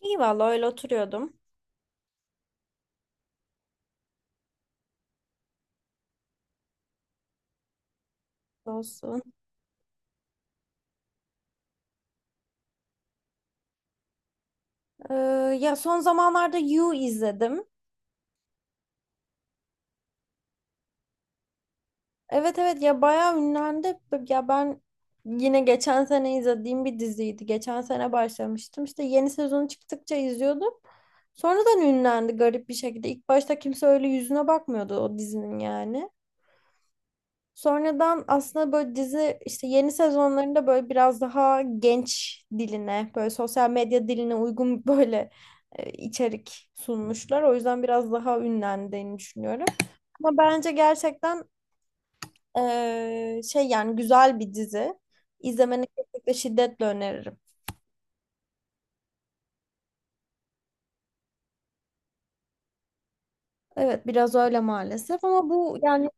İyi valla öyle oturuyordum. Olsun. Ee, Ya son zamanlarda You izledim. Evet, evet, ya bayağı ünlendi. Ya ben yine geçen sene izlediğim bir diziydi. Geçen sene başlamıştım. İşte yeni sezonu çıktıkça izliyordum. Sonradan ünlendi garip bir şekilde. İlk başta kimse öyle yüzüne bakmıyordu o dizinin yani. Sonradan aslında böyle dizi işte yeni sezonlarında böyle biraz daha genç diline, böyle sosyal medya diline uygun böyle içerik sunmuşlar. O yüzden biraz daha ünlendiğini düşünüyorum. Ama bence gerçekten şey, yani güzel bir dizi. İzlemeni kesinlikle şiddetle öneririm. Evet, biraz öyle maalesef ama bu yani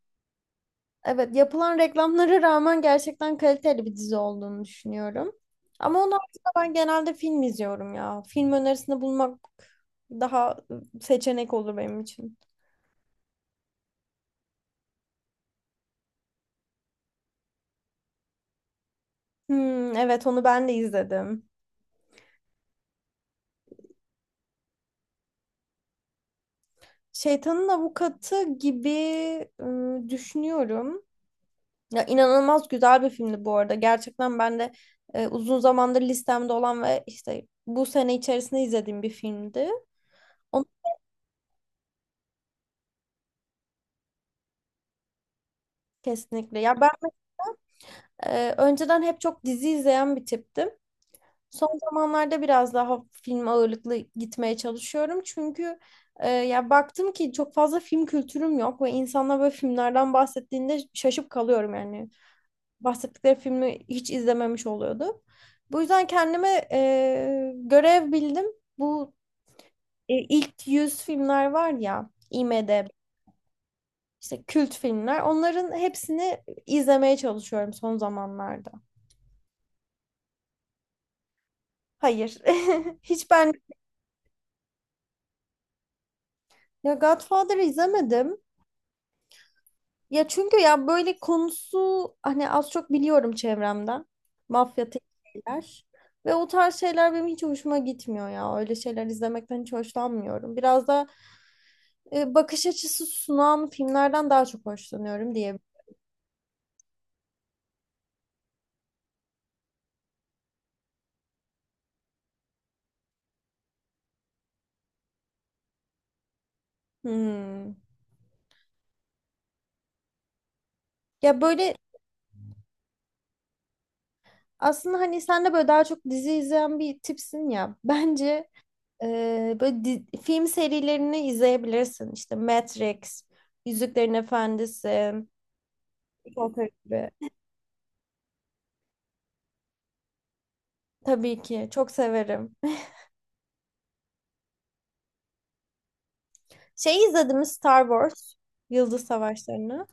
evet, yapılan reklamlara rağmen gerçekten kaliteli bir dizi olduğunu düşünüyorum. Ama onun haricinde ben genelde film izliyorum ya. Film önerisinde bulmak daha seçenek olur benim için. Hmm, evet onu ben de izledim. Şeytanın Avukatı gibi düşünüyorum. Ya inanılmaz güzel bir filmdi bu arada. Gerçekten ben de uzun zamandır listemde olan ve işte bu sene içerisinde izlediğim bir filmdi. Onu kesinlikle. Ya ben önceden hep çok dizi izleyen bir tiptim. Son zamanlarda biraz daha film ağırlıklı gitmeye çalışıyorum. Çünkü ya baktım ki çok fazla film kültürüm yok ve insanlar böyle filmlerden bahsettiğinde şaşıp kalıyorum yani. Bahsettikleri filmi hiç izlememiş oluyordu. Bu yüzden kendime görev bildim. Bu ilk 100 filmler var ya, IMDb, işte kült filmler, onların hepsini izlemeye çalışıyorum son zamanlarda. Hayır. Hiç ben ya Godfather'ı izlemedim. Ya çünkü ya böyle konusu hani az çok biliyorum çevremden. Mafya tek şeyler. Ve o tarz şeyler benim hiç hoşuma gitmiyor ya. Öyle şeyler izlemekten hiç hoşlanmıyorum. Biraz da bakış açısı sunan filmlerden daha çok hoşlanıyorum diye. Hmm. Ya böyle aslında hani sen de böyle daha çok dizi izleyen bir tipsin ya. Bence böyle film serilerini izleyebilirsin. İşte Matrix, Yüzüklerin Efendisi. Çok gibi. Tabii ki. Çok severim. Şey izledim mi Star Wars. Yıldız Savaşları'nı.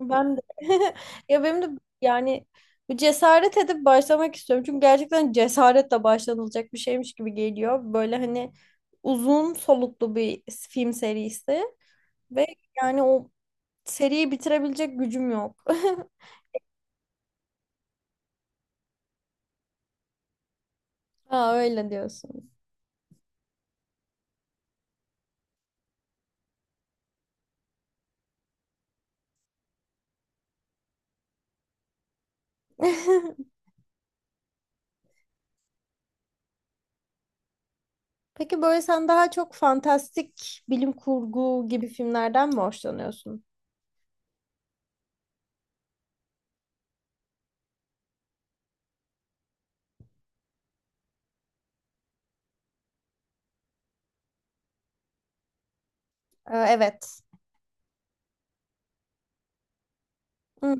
Ben de. Ya benim de yani bu cesaret edip başlamak istiyorum. Çünkü gerçekten cesaretle başlanılacak bir şeymiş gibi geliyor. Böyle hani uzun soluklu bir film serisi. Ve yani o seriyi bitirebilecek gücüm yok. Aa, öyle diyorsun. Peki böyle sen daha çok fantastik bilim kurgu gibi filmlerden mi hoşlanıyorsun? Evet. Hı.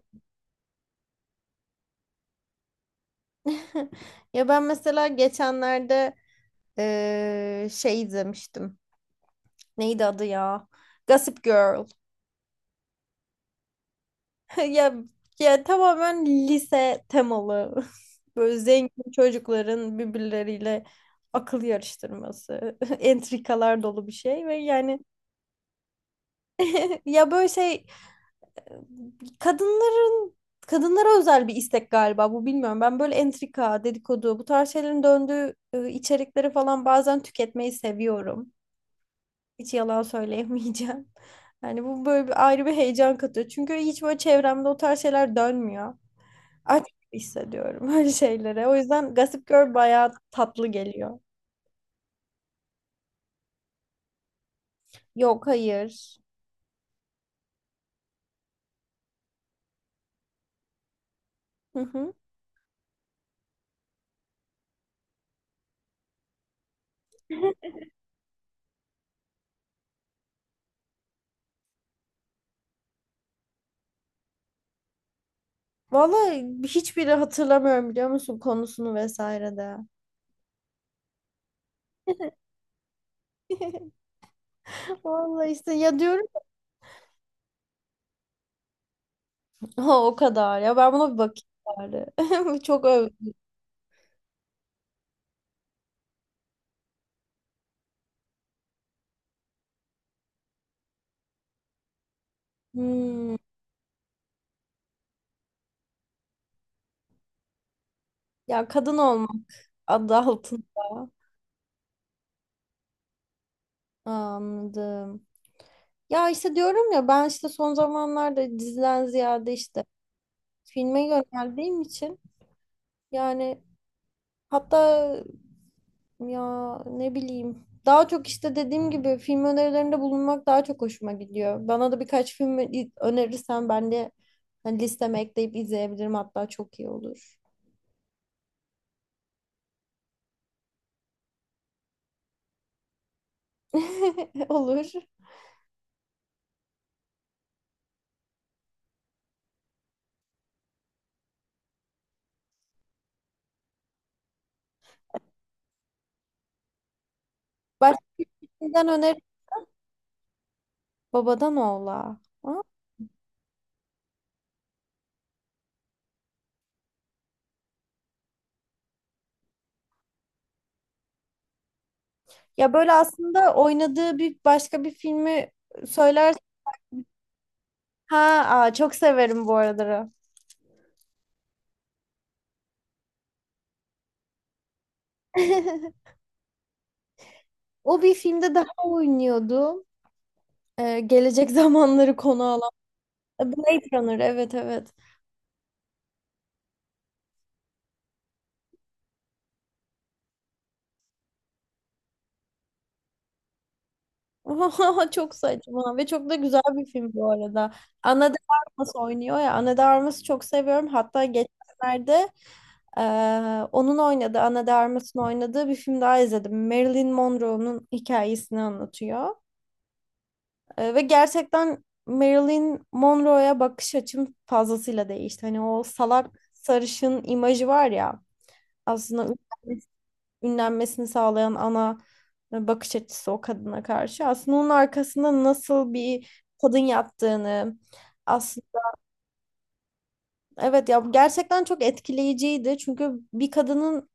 Ya ben mesela geçenlerde şey izlemiştim. Neydi adı ya? Gossip Girl. Ya ya tamamen lise temalı. Böyle zengin çocukların birbirleriyle akıl yarıştırması, entrikalar dolu bir şey ve yani ya böyle şey, kadınların kadınlara özel bir istek galiba bu, bilmiyorum. Ben böyle entrika, dedikodu, bu tarz şeylerin döndüğü içerikleri falan bazen tüketmeyi seviyorum. Hiç yalan söyleyemeyeceğim. Yani bu böyle bir ayrı bir heyecan katıyor. Çünkü hiç böyle çevremde o tarz şeyler dönmüyor. Aç hissediyorum öyle şeylere. O yüzden Gossip Girl bayağı tatlı geliyor. Yok, hayır. Hı hı. Vallahi hiçbiri hatırlamıyorum biliyor musun konusunu vesaire de. Vallahi işte ya diyorum ha o kadar, ya ben buna bir bakayım bari. Çok öv. Hmm. Ya kadın olmak adı altında. Anladım. Ya işte diyorum ya ben işte son zamanlarda diziden ziyade işte filme yöneldiğim için yani hatta ya ne bileyim daha çok işte dediğim gibi film önerilerinde bulunmak daha çok hoşuma gidiyor. Bana da birkaç film önerirsen ben de hani listeme ekleyip izleyebilirim, hatta çok iyi olur. Olur. Başkasından öner, babadan oğla. Ha? Ya böyle aslında oynadığı bir başka bir filmi söyler. Ha, aa, çok severim bu araları. O bir filmde daha oynuyordu. Gelecek zamanları konu alan. Blade Runner, evet, evet. Çok saçma ve çok da güzel bir film bu arada. Ana de Armas oynuyor ya. Ana de Armas'ı çok seviyorum. Hatta geçenlerde onun oynadığı, Ana de Armas'ın oynadığı bir film daha izledim. Marilyn Monroe'nun hikayesini anlatıyor. Ve gerçekten Marilyn Monroe'ya bakış açım fazlasıyla değişti. Hani o salak sarışın imajı var ya, aslında ünlenmesini sağlayan ana bakış açısı o kadına karşı. Aslında onun arkasında nasıl bir kadın yattığını, evet ya gerçekten çok etkileyiciydi. Çünkü bir kadının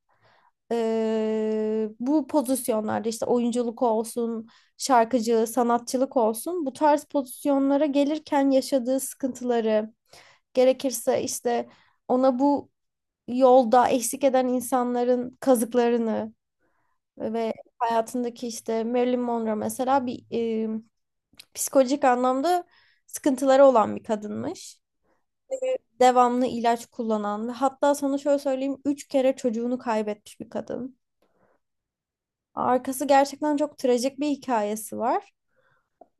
bu pozisyonlarda işte oyunculuk olsun, şarkıcı, sanatçılık olsun bu tarz pozisyonlara gelirken yaşadığı sıkıntıları, gerekirse işte ona bu yolda eksik eden insanların kazıklarını ve hayatındaki işte Marilyn Monroe mesela bir psikolojik anlamda sıkıntıları olan bir kadınmış, devamlı ilaç kullanan ve hatta sana şöyle söyleyeyim 3 kere çocuğunu kaybetmiş bir kadın. Arkası gerçekten çok trajik bir hikayesi var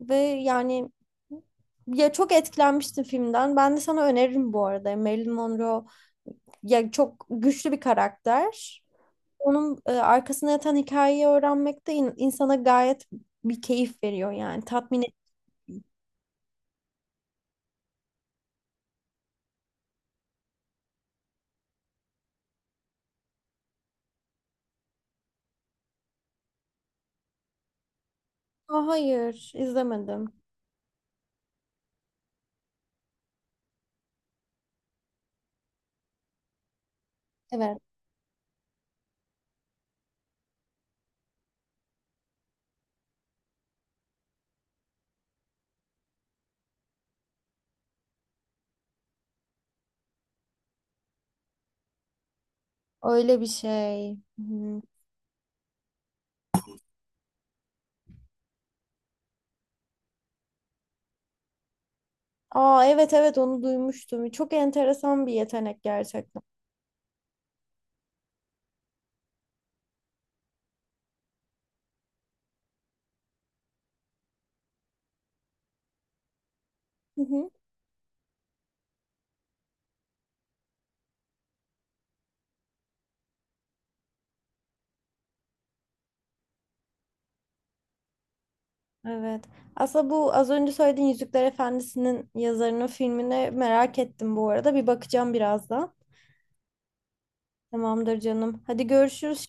ve yani ya çok etkilenmiştim filmden. Ben de sana öneririm bu arada. Marilyn Monroe ya çok güçlü bir karakter. Onun arkasına yatan hikayeyi öğrenmek de insana gayet bir keyif veriyor yani tatmin. Aa, hayır, izlemedim. Evet. Öyle bir şey. Hı. Aa, evet, evet onu duymuştum. Çok enteresan bir yetenek gerçekten. Hı hı. Evet. Aslında bu az önce söylediğin Yüzükler Efendisi'nin yazarının filmini merak ettim bu arada. Bir bakacağım birazdan. Tamamdır canım. Hadi görüşürüz.